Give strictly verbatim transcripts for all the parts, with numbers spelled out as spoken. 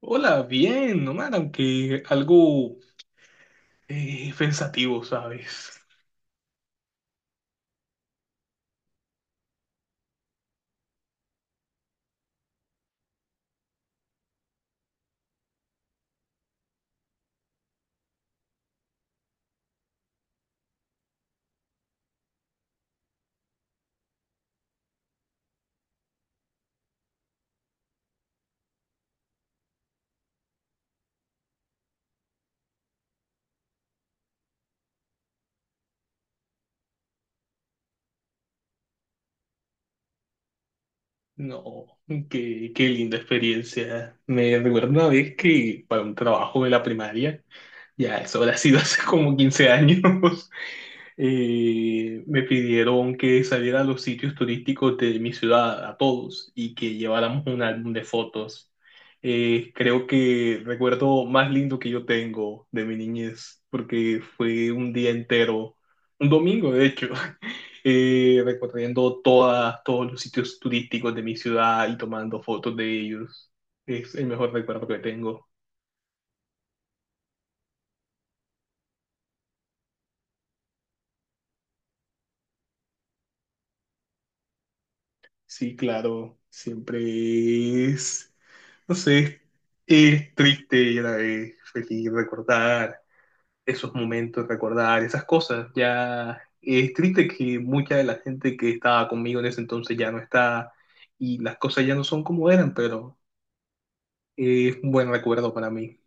Hola, bien, nomás, aunque algo eh, pensativo, ¿sabes? No, qué, qué linda experiencia. Me recuerdo una vez que para un trabajo de la primaria, ya eso habrá sido hace como quince años. Eh, me pidieron que saliera a los sitios turísticos de mi ciudad, a todos, y que lleváramos un álbum de fotos. Eh, creo que recuerdo más lindo que yo tengo de mi niñez, porque fue un día entero, un domingo de hecho, eh, recorriendo todas, todos los sitios turísticos de mi ciudad y tomando fotos de ellos. Es el mejor recuerdo que tengo. Sí, claro, siempre es, no sé, es triste y a la vez feliz recordar esos momentos, recordar esas cosas. Ya es triste que mucha de la gente que estaba conmigo en ese entonces ya no está y las cosas ya no son como eran, pero es un buen recuerdo para mí.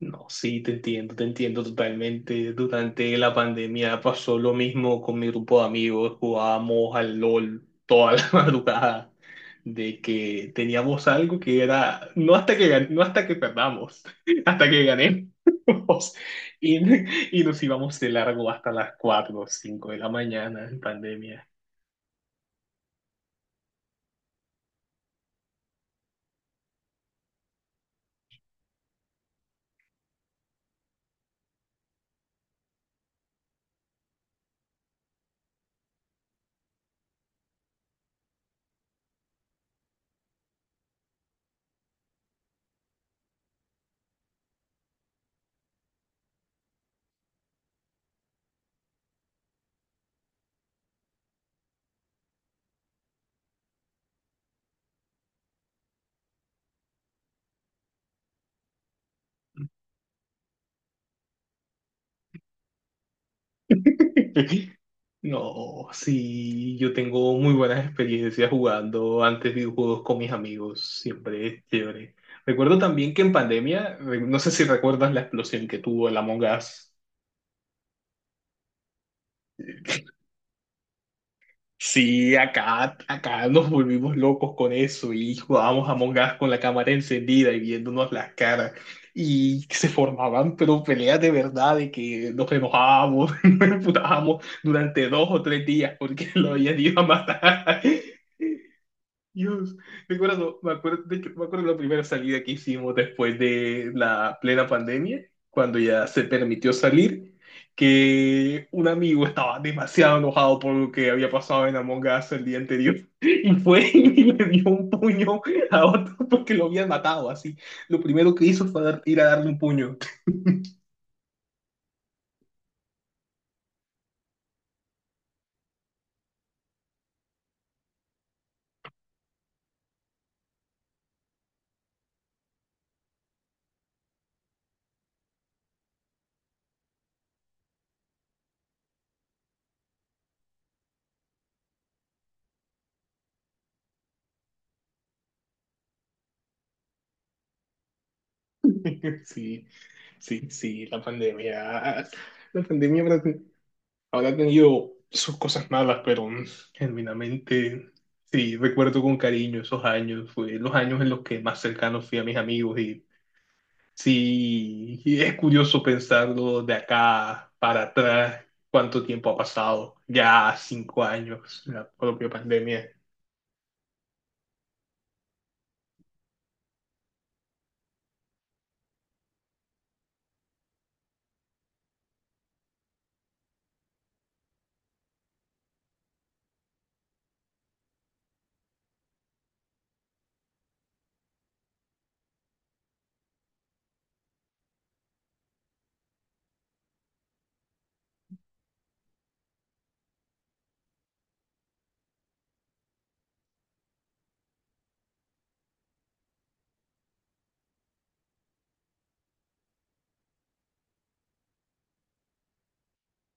No, sí, te entiendo, te entiendo totalmente. Durante la pandemia pasó lo mismo con mi grupo de amigos. Jugábamos al LOL toda la madrugada, de que teníamos algo que era, no hasta que, gan- no hasta que perdamos, hasta que ganemos. Y, y nos íbamos de largo hasta las cuatro, o cinco de la mañana en pandemia. No, sí, yo tengo muy buenas experiencias jugando antes videojuegos con mis amigos, siempre es chévere. Recuerdo también que en pandemia, re- no sé si recuerdas la explosión que tuvo el Among Us. Sí, acá, acá nos volvimos locos con eso y jugábamos Among Us con la cámara encendida y viéndonos las caras, y se formaban pero peleas de verdad de que nos enojábamos, nos emputábamos durante dos o tres días porque lo habían ido a matar. Dios, me acuerdo, me acuerdo, de hecho, me acuerdo la primera salida que hicimos después de la plena pandemia, cuando ya se permitió salir, que un amigo estaba demasiado enojado por lo que había pasado en Among Us el día anterior y fue y le dio un puño a otro porque lo habían matado, así. Lo primero que hizo fue dar- ir a darle un puño. Sí, sí, sí, la pandemia. La pandemia habrá tenido sus cosas malas, pero mm, genuinamente sí, recuerdo con cariño esos años. Fue los años en los que más cercano fui a mis amigos y sí, y es curioso pensarlo de acá para atrás, cuánto tiempo ha pasado. Ya cinco años, la propia pandemia.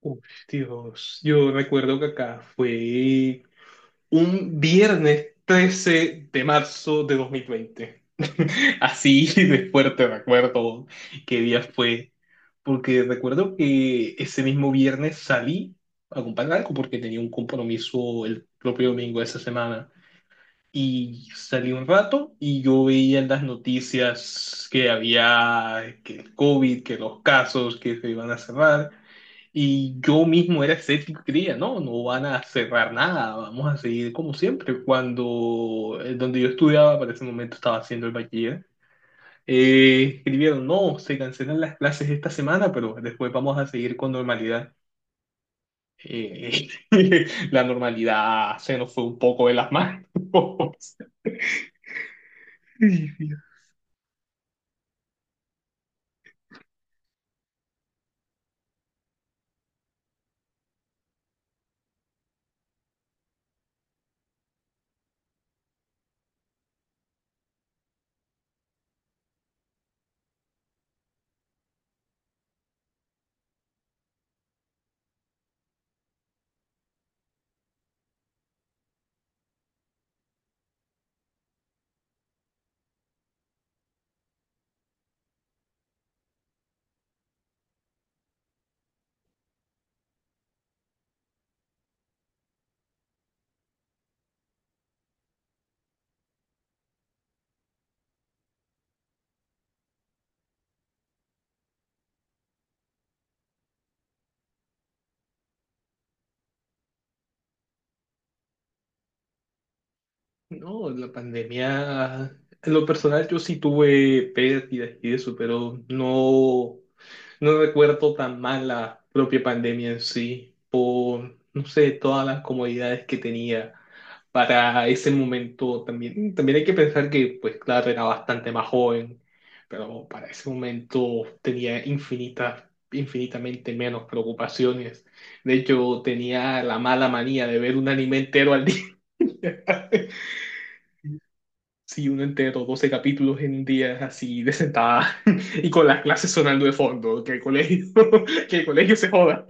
Uf, Dios, yo recuerdo que acá fue un viernes trece de marzo de dos mil veinte. Así de fuerte recuerdo qué día fue, porque recuerdo que ese mismo viernes salí a comprar algo porque tenía un compromiso el propio domingo de esa semana. Y salí un rato y yo veía en las noticias que había que el COVID, que los casos, que se iban a cerrar. Y yo mismo era escéptico y creía, no, no van a cerrar nada, vamos a seguir como siempre. Cuando eh, donde yo estudiaba, para ese momento estaba haciendo el bachiller, eh, escribieron, no, se cancelan las clases esta semana, pero después vamos a seguir con normalidad. Eh, la normalidad se nos fue un poco de las manos. No, la pandemia, en lo personal yo sí tuve pérdidas y eso, pero no, no recuerdo tan mal la propia pandemia en sí, por, no sé, todas las comodidades que tenía para ese momento también. También hay que pensar que, pues claro, era bastante más joven, pero para ese momento tenía infinitas, infinitamente menos preocupaciones. De hecho, tenía la mala manía de ver un anime entero al día. Sí, uno entero, doce capítulos en un día, así de sentada, y con las clases sonando de fondo, que el colegio, que el colegio se joda.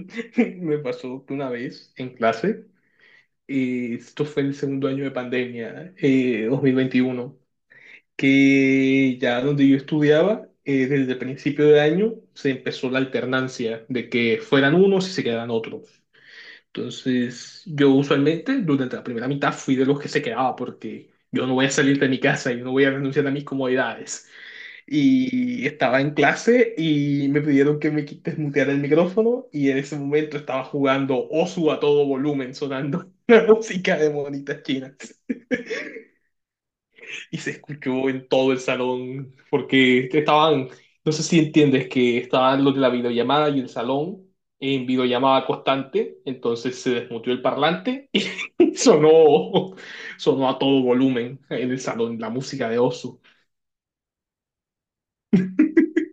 Me pasó que una vez en clase, eh, esto fue el segundo año de pandemia, eh, dos mil veintiuno, que ya donde yo estudiaba, eh, desde el principio de año se empezó la alternancia de que fueran unos y se quedaran otros. Entonces, yo usualmente durante la primera mitad fui de los que se quedaba porque yo no voy a salir de mi casa, yo no voy a renunciar a mis comodidades. Y estaba en clase y me pidieron que me quites mutear el micrófono y en ese momento estaba jugando Osu a todo volumen, sonando la música de monitas chinas. Y se escuchó en todo el salón porque estaban, no sé si entiendes que estaban los de la videollamada y el salón en videollamada constante, entonces se desmuteó el parlante. Sonó, sonó a todo volumen en el salón la música de Osu.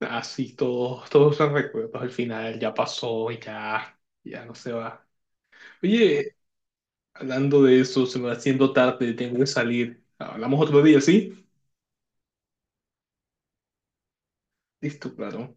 Así todos, todos son recuerdos al final, ya pasó, ya, ya no se va. Oye, hablando de eso, se me va haciendo tarde, tengo que salir. Hablamos otro día, ¿sí? Listo, claro.